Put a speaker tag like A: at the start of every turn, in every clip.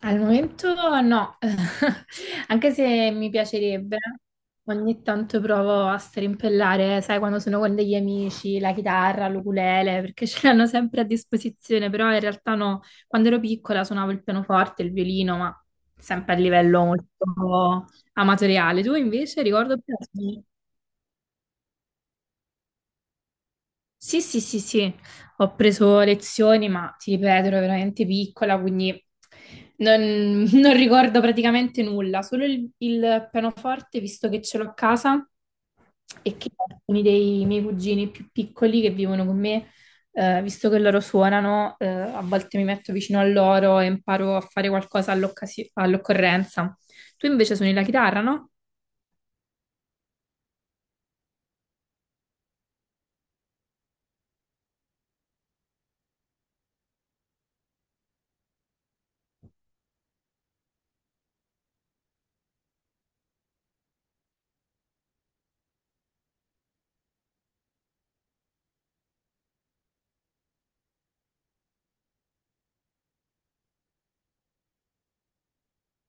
A: Al momento no, anche se mi piacerebbe, ogni tanto provo a strimpellare, sai, quando sono con degli amici, la chitarra, l'ukulele, perché ce l'hanno sempre a disposizione, però in realtà no, quando ero piccola suonavo il pianoforte, il violino, ma sempre a livello molto amatoriale. Tu invece ricordo più? Sì, sì, sì, sì, ho preso lezioni, ma ti ripeto, ero veramente piccola, quindi non, non ricordo praticamente nulla, solo il pianoforte, visto che ce l'ho a casa e che alcuni dei miei cugini più piccoli che vivono con me, visto che loro suonano, a volte mi metto vicino a loro e imparo a fare qualcosa all'occorrenza. Tu invece suoni la chitarra, no?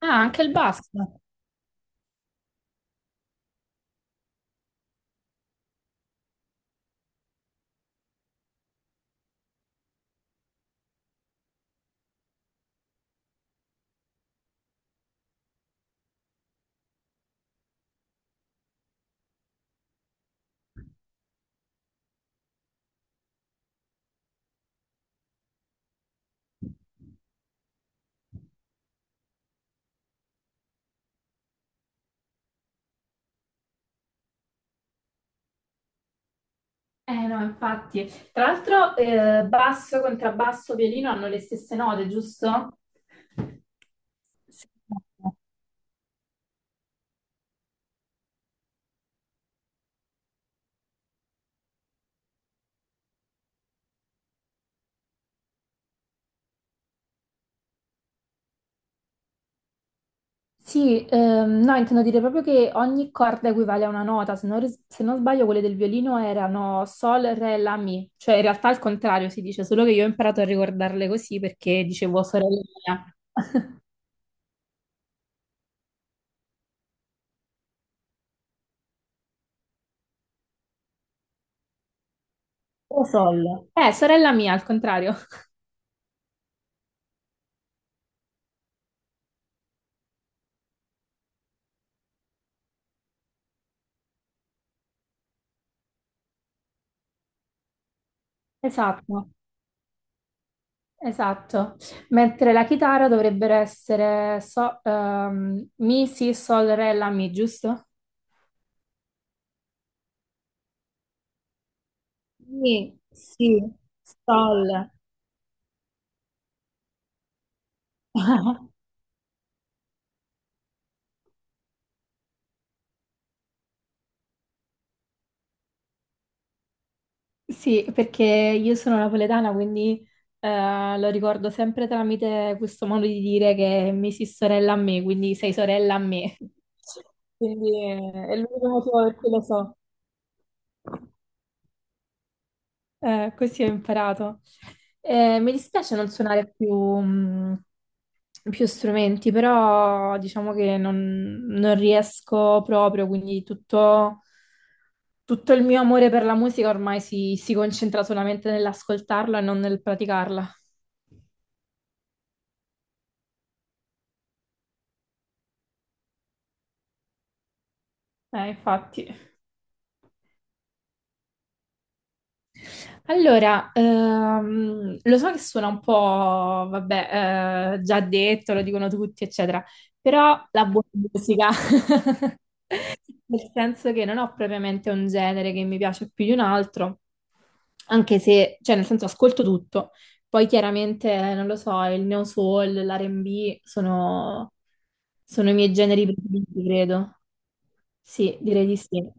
A: Ah, anche il basso. Eh no, infatti. Tra l'altro, basso, contrabbasso, violino hanno le stesse note, giusto? Sì, sì, no, intendo dire proprio che ogni corda equivale a una nota, se non sbaglio quelle del violino erano sol, re, la, mi, cioè in realtà al contrario si dice, solo che io ho imparato a ricordarle così perché dicevo sorella mia. O sol. Sorella mia, al contrario. Esatto. Esatto, mentre la chitarra dovrebbero essere Mi, Si, Sol, Re, La, Mi, giusto? Sì, sì, sol. Sì, perché io sono napoletana, quindi lo ricordo sempre tramite questo modo di dire che mi si sorella a me, quindi sei sorella a me. Quindi è l'unico motivo per cui lo so. Così ho imparato. Mi dispiace non suonare più, mh, più strumenti, però diciamo che non riesco proprio, quindi tutto il mio amore per la musica ormai si concentra solamente nell'ascoltarla e non nel praticarla. Infatti. Allora, lo so che suona un po', vabbè, già detto, lo dicono tutti, eccetera, però la buona musica. Nel senso che non ho propriamente un genere che mi piace più di un altro, anche se, cioè nel senso ascolto tutto. Poi chiaramente, non lo so, il neo soul, l'R&B sono i miei generi preferiti, credo. Sì, direi di sì.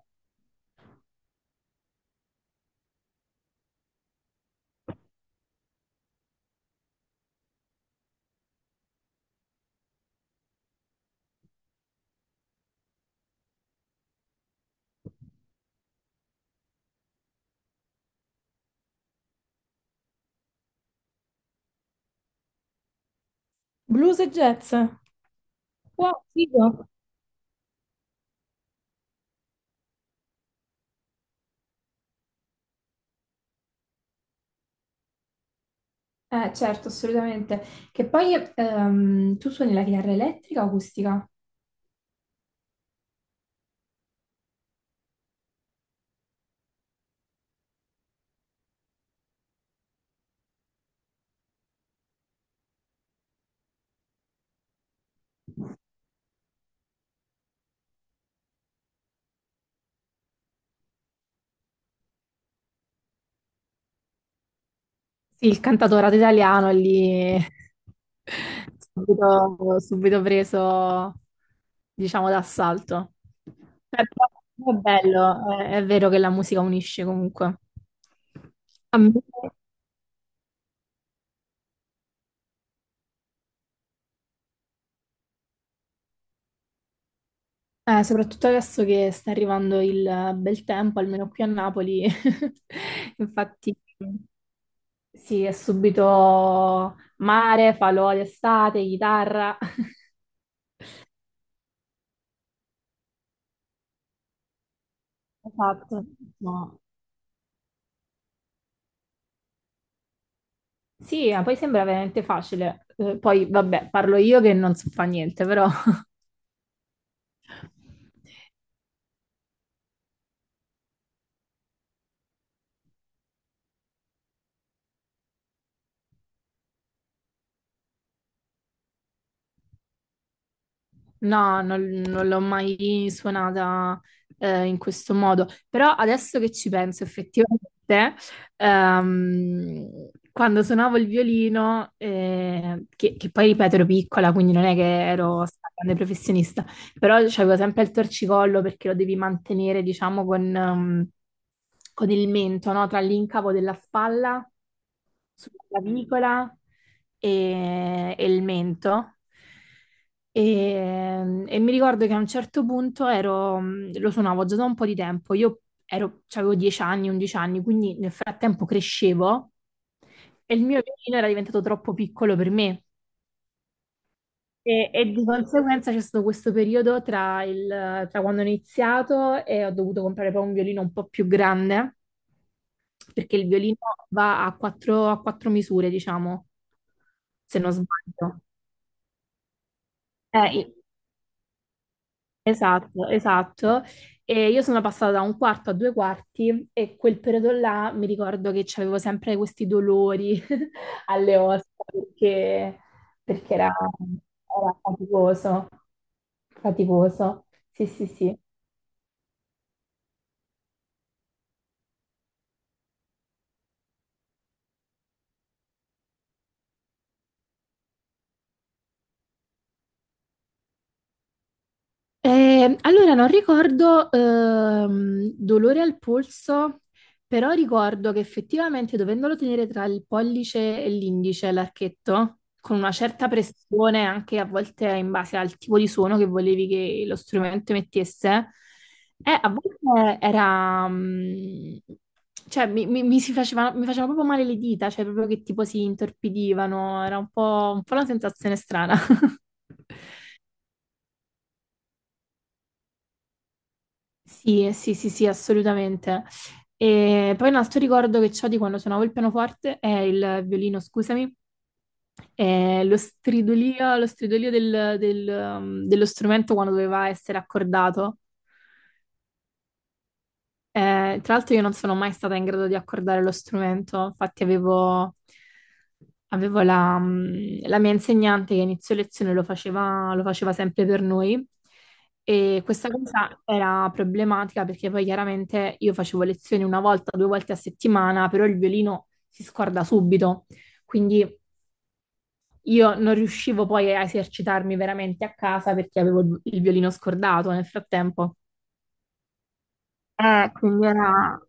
A: Blues e jazz. Wow, figo. Certo, assolutamente. Che poi tu suoni la chitarra elettrica o acustica? Sì, il cantautorato italiano è lì subito preso, diciamo, d'assalto. Però è bello, è vero che la musica unisce comunque. A me, soprattutto adesso che sta arrivando il bel tempo, almeno qui a Napoli, infatti sì, è subito mare, falò d'estate, chitarra. Esatto, no, sì, ma poi sembra veramente facile. Poi, vabbè, parlo io che non so fa niente, però no, non l'ho mai suonata in questo modo. Però adesso che ci penso, effettivamente, quando suonavo il violino, che poi ripeto ero piccola, quindi non è che ero stata grande professionista, però c'avevo sempre il torcicollo perché lo devi mantenere, diciamo, con il mento, no? Tra l'incavo della spalla, sulla clavicola e il mento. E mi ricordo che a un certo punto lo suonavo già da un po' di tempo, avevo 10 anni, 11 anni, quindi nel frattempo crescevo e il mio violino era diventato troppo piccolo per me. E di conseguenza c'è stato questo periodo tra quando ho iniziato e ho dovuto comprare poi un violino un po' più grande, perché il violino va a a quattro misure, diciamo, se non sbaglio. Eh, i- esatto, esatto. E io sono passata da un quarto a due quarti e quel periodo là mi ricordo che avevo sempre questi dolori alle ossa perché era faticoso, faticoso. Sì, sì, sì. Allora, non ricordo dolore al polso, però ricordo che effettivamente dovendolo tenere tra il pollice e l'indice, l'archetto, con una certa pressione, anche a volte in base al tipo di suono che volevi che lo strumento emettesse, a volte era... mm, cioè, mi si faceva, mi facevano proprio male le dita, cioè proprio che tipo si intorpidivano, era un po' una sensazione strana. Sì, sì, sì, sì, assolutamente. E poi un altro ricordo che ho di quando suonavo il pianoforte è il violino, scusami, è lo stridolio, lo stridolio dello strumento quando doveva essere accordato. Tra l'altro io non sono mai stata in grado di accordare lo strumento, infatti avevo la mia insegnante che a inizio lezione lo faceva sempre per noi e questa cosa era problematica perché poi chiaramente io facevo lezioni una volta, due volte a settimana, però il violino si scorda subito, quindi io non riuscivo poi a esercitarmi veramente a casa perché avevo il violino scordato nel frattempo. Quindi era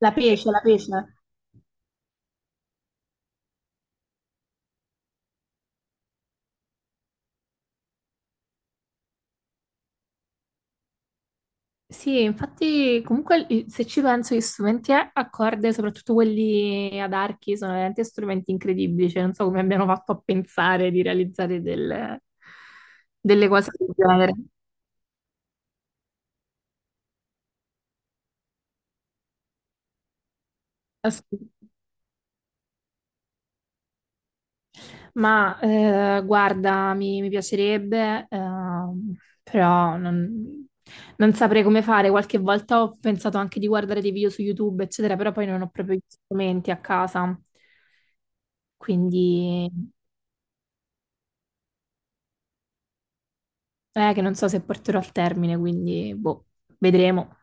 A: la pece, la pece. Sì, infatti comunque se ci penso gli strumenti a corde, soprattutto quelli ad archi, sono veramente strumenti incredibili, cioè non so come abbiano fatto a pensare di realizzare delle cose del genere. Ass- Ma guarda, mi piacerebbe, però non saprei come fare. Qualche volta ho pensato anche di guardare dei video su YouTube, eccetera, però poi non ho proprio gli strumenti a casa, quindi... che non so se porterò al termine, quindi boh, vedremo.